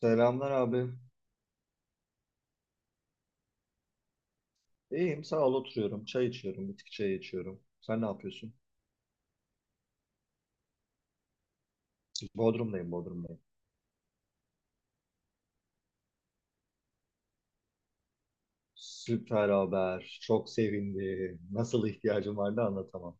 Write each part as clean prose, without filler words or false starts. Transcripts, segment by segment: Selamlar abi. İyiyim sağ ol oturuyorum. Çay içiyorum. Bitki çayı içiyorum. Sen ne yapıyorsun? Bodrum'dayım Bodrum'dayım. Süper haber. Çok sevindim. Nasıl ihtiyacım vardı anlatamam.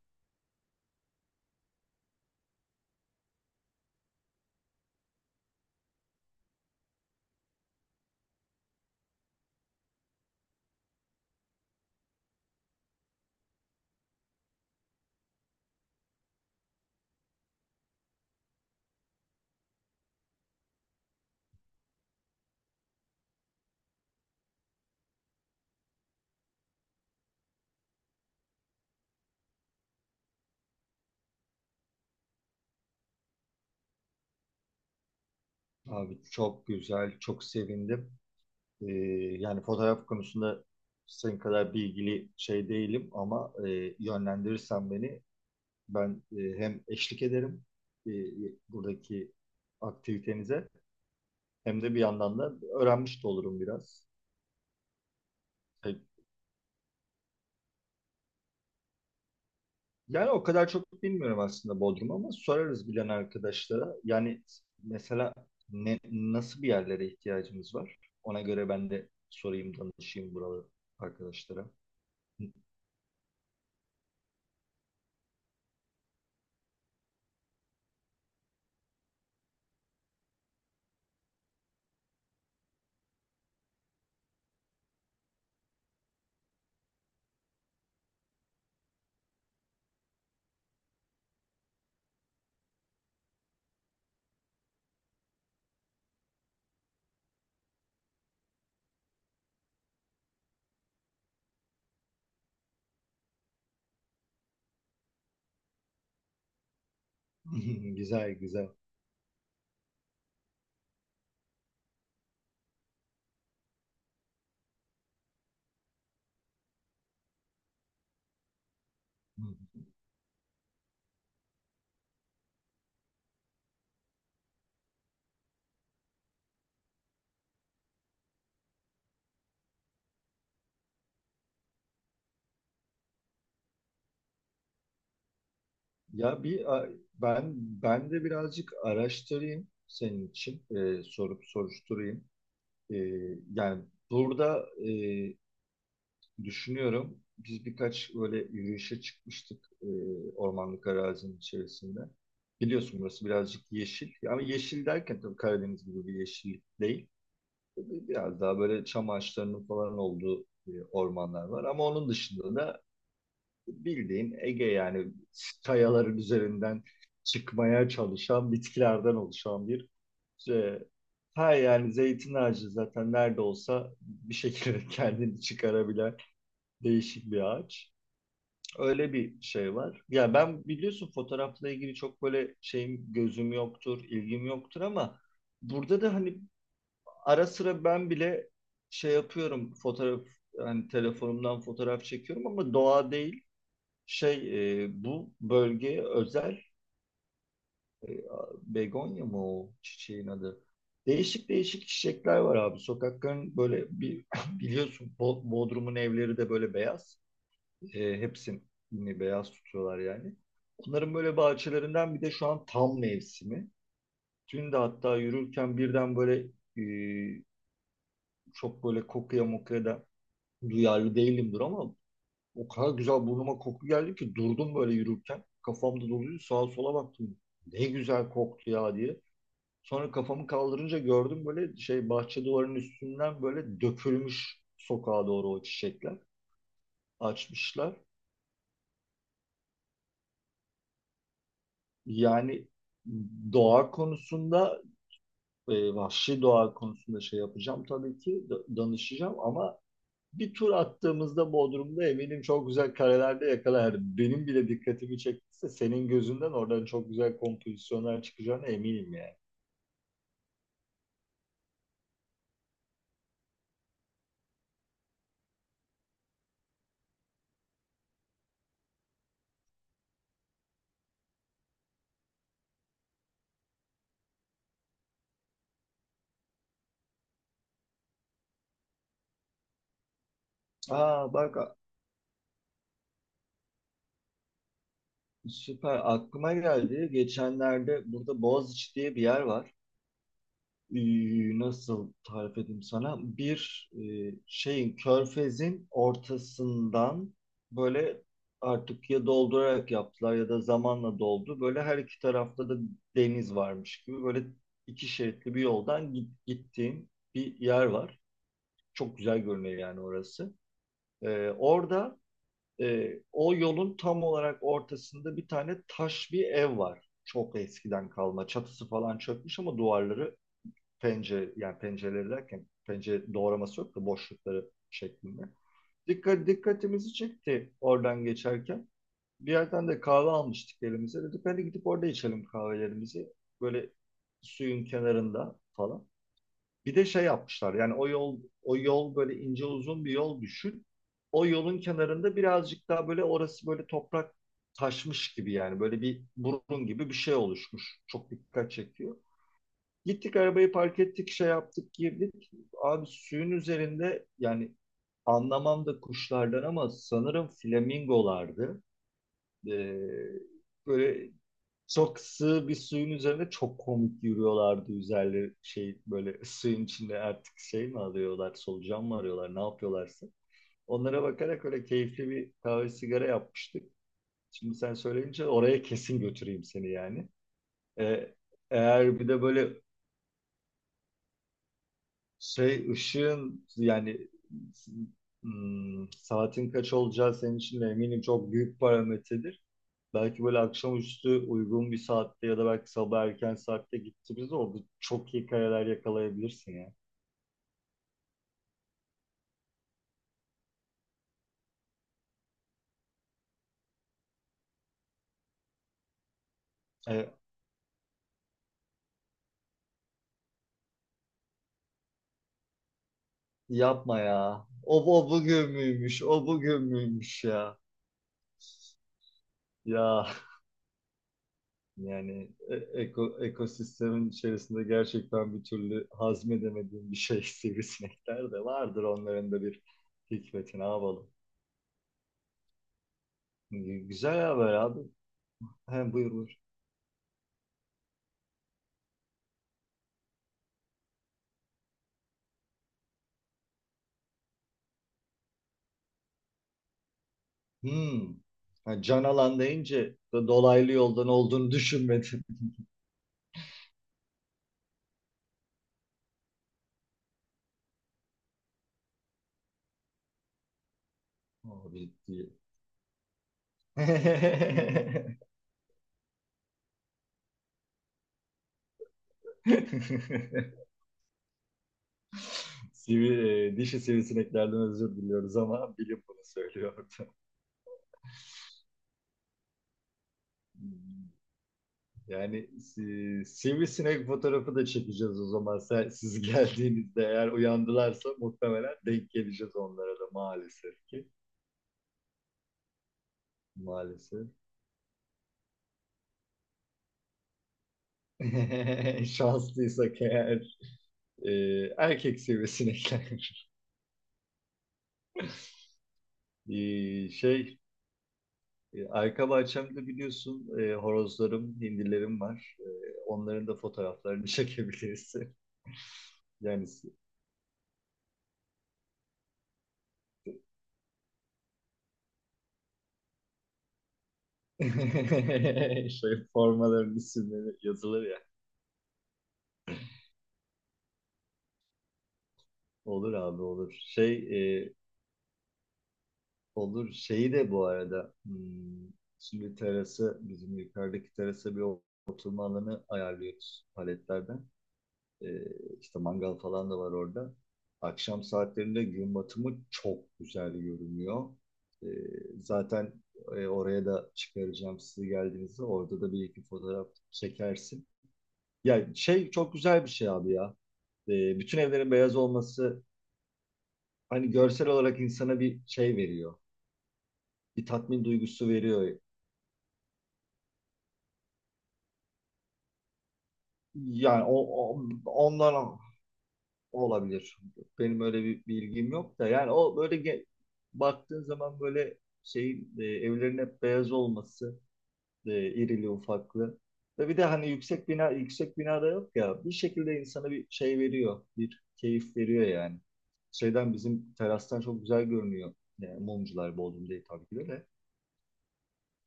Abi çok güzel. Çok sevindim. Ee, Yani fotoğraf konusunda senin kadar bilgili şey değilim ama yönlendirirsen beni ben, hem eşlik ederim e, buradaki aktivitenize hem de bir yandan da öğrenmiş de olurum biraz. Yani o kadar çok bilmiyorum aslında Bodrum ama sorarız bilen arkadaşlara. Yani mesela nasıl bir yerlere ihtiyacımız var? Ona göre ben de sorayım, danışayım buralı arkadaşlara. Güzel, güzel. Ya bir a- ben ben de birazcık araştırayım senin için, sorup soruşturayım. Ee, Yani burada düşünüyorum. Biz birkaç böyle yürüyüşe çıkmıştık ormanlık arazinin içerisinde. Biliyorsun burası birazcık yeşil. Yani yeşil derken tabii Karadeniz gibi bir yeşil değil. Tabii biraz daha böyle çam ağaçlarının falan olduğu ormanlar var. Ama onun dışında da bildiğin Ege yani kayaların üzerinden çıkmaya çalışan bitkilerden oluşan e, ha yani zeytin ağacı zaten nerede olsa bir şekilde kendini çıkarabilen değişik bir ağaç. Öyle bir şey var. Ya ben biliyorsun fotoğrafla ilgili çok böyle şeyim gözüm yoktur, ilgim yoktur ama burada da hani ara sıra ben bile şey yapıyorum fotoğraf hani telefonumdan fotoğraf çekiyorum ama doğa değil. Bu bölgeye özel e, begonya mı o çiçeğin adı? Değişik değişik çiçekler var abi. Sokakların böyle bir biliyorsun Bodrum'un evleri de böyle beyaz. E, hepsini beyaz tutuyorlar yani. Onların böyle bahçelerinden bir de şu an tam mevsimi. Dün de hatta yürürken birden e, çok böyle kokuya mokuya da duyarlı değilimdir ama o kadar güzel burnuma koku geldi ki durdum böyle yürürken. Kafamda doluydu sağa sola baktım. Ne güzel koktu ya diye. Sonra kafamı kaldırınca gördüm böyle şey bahçe duvarının üstünden böyle dökülmüş sokağa doğru o çiçekler. Açmışlar. Yani doğa konusunda, vahşi doğa konusunda şey yapacağım tabii ki, danışacağım ama bir tur attığımızda Bodrum'da eminim çok güzel karelerde yakalarım. Benim bile dikkatimi çektiyse senin gözünden oradan çok güzel kompozisyonlar çıkacağına eminim yani. Aa bak süper aklıma geldi. Geçenlerde burada Boğaziçi diye bir yer var. Nasıl tarif edeyim sana? Bir e, şeyin körfezin ortasından böyle artık ya doldurarak yaptılar ya da zamanla doldu. Böyle her iki tarafta da deniz varmış gibi böyle iki şeritli bir yoldan gittiğin bir yer var. Çok güzel görünüyor yani orası. Orada o yolun tam olarak ortasında bir tane taş bir ev var. Çok eskiden kalma. Çatısı falan çökmüş ama duvarları pencere yani pencereleri derken pencere doğraması yok da boşlukları şeklinde. Dikkatimizi çekti oradan geçerken. Bir yerden de kahve almıştık elimize. Dedik hadi gidip orada içelim kahvelerimizi. Böyle suyun kenarında falan. Bir de şey yapmışlar yani o yol böyle ince uzun bir yol düşün. O yolun kenarında birazcık daha böyle orası böyle toprak taşmış gibi yani böyle bir burun gibi bir şey oluşmuş. Çok dikkat çekiyor. Gittik arabayı park ettik, şey yaptık, girdik. Abi suyun üzerinde yani anlamam da kuşlardan ama sanırım flamingolardı. Ee, Böyle çok sığ bir suyun üzerinde çok komik yürüyorlardı üzerleri şey böyle suyun içinde artık şey mi alıyorlar, solucan mı arıyorlar, ne yapıyorlarsa. Onlara bakarak öyle keyifli bir kahve sigara yapmıştık. Şimdi sen söyleyince oraya kesin götüreyim seni yani. Ee, Eğer bir de böyle şey ışığın yani saatin kaç olacağı senin için de eminim çok büyük parametredir. Belki böyle akşamüstü uygun bir saatte ya da belki sabah erken saatte gittiğimizde orada çok iyi kareler yakalayabilirsin ya. E, yapma ya. O bugün müymüş? O bugün müymüş ya? Ya yani ekosistemin içerisinde gerçekten bir türlü hazmedemediğim bir şey sivrisinekler de vardır onların da bir hikmeti ne yapalım. Güzel haber abi. He, buyur buyur. Hmm. Ha, can alan deyince da dolaylı yoldan olduğunu düşünmedim. Abi diye. Dişi sivrisineklerden özür diliyoruz ama bilim bunu söylüyordu. Hmm. Yani sivrisinek fotoğrafı da çekeceğiz o zaman. Siz geldiğinizde eğer uyandılarsa muhtemelen denk geleceğiz onlara da maalesef ki. Maalesef. Şanslıysak eğer. e, Erkek seviyesine iner. E, şey Arka bahçemde biliyorsun horozlarım, hindilerim var. E, onların da fotoğraflarını çekebiliriz. Yani şey formaların isimleri yazılır ya. Olur abi olur. E, olur şeyi de bu arada şimdi bizim yukarıdaki terasa bir oturma alanı ayarlıyoruz paletlerden. Ee, işte mangal falan da var orada. Akşam saatlerinde gün batımı çok güzel görünüyor. Ee, zaten oraya da çıkaracağım sizi geldiğinizde. Orada da bir iki fotoğraf çekersin. Ya şey çok güzel bir şey abi ya. Bütün evlerin beyaz olması hani görsel olarak insana bir şey veriyor. Bir tatmin duygusu veriyor. Yani o, o- ondan olabilir. Benim öyle bir bilgim yok da yani o böyle baktığın zaman böyle evlerin hep beyaz olması irili ufaklı ve bir de hani yüksek binada yok ya bir şekilde insana bir şey veriyor bir keyif veriyor yani. Şeyden bizim terastan çok güzel görünüyor. Yani mumcular Bodrum değil tabii ki de.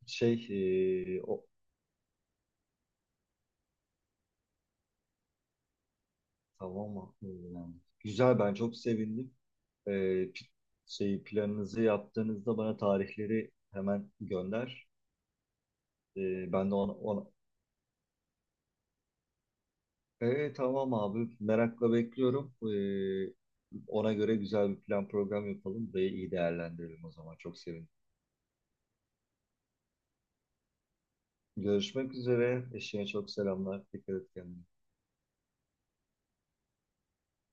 Şey, o tamam mı? Güzel ben çok sevindim. e, pi- şey planınızı yaptığınızda bana tarihleri hemen gönder. E, ben de ona, ona... E, tamam abi merakla bekliyorum. Ona göre güzel bir plan program yapalım. Burayı iyi değerlendirelim o zaman. Çok sevindim. Görüşmek üzere. Eşine çok selamlar. Dikkat et kendine.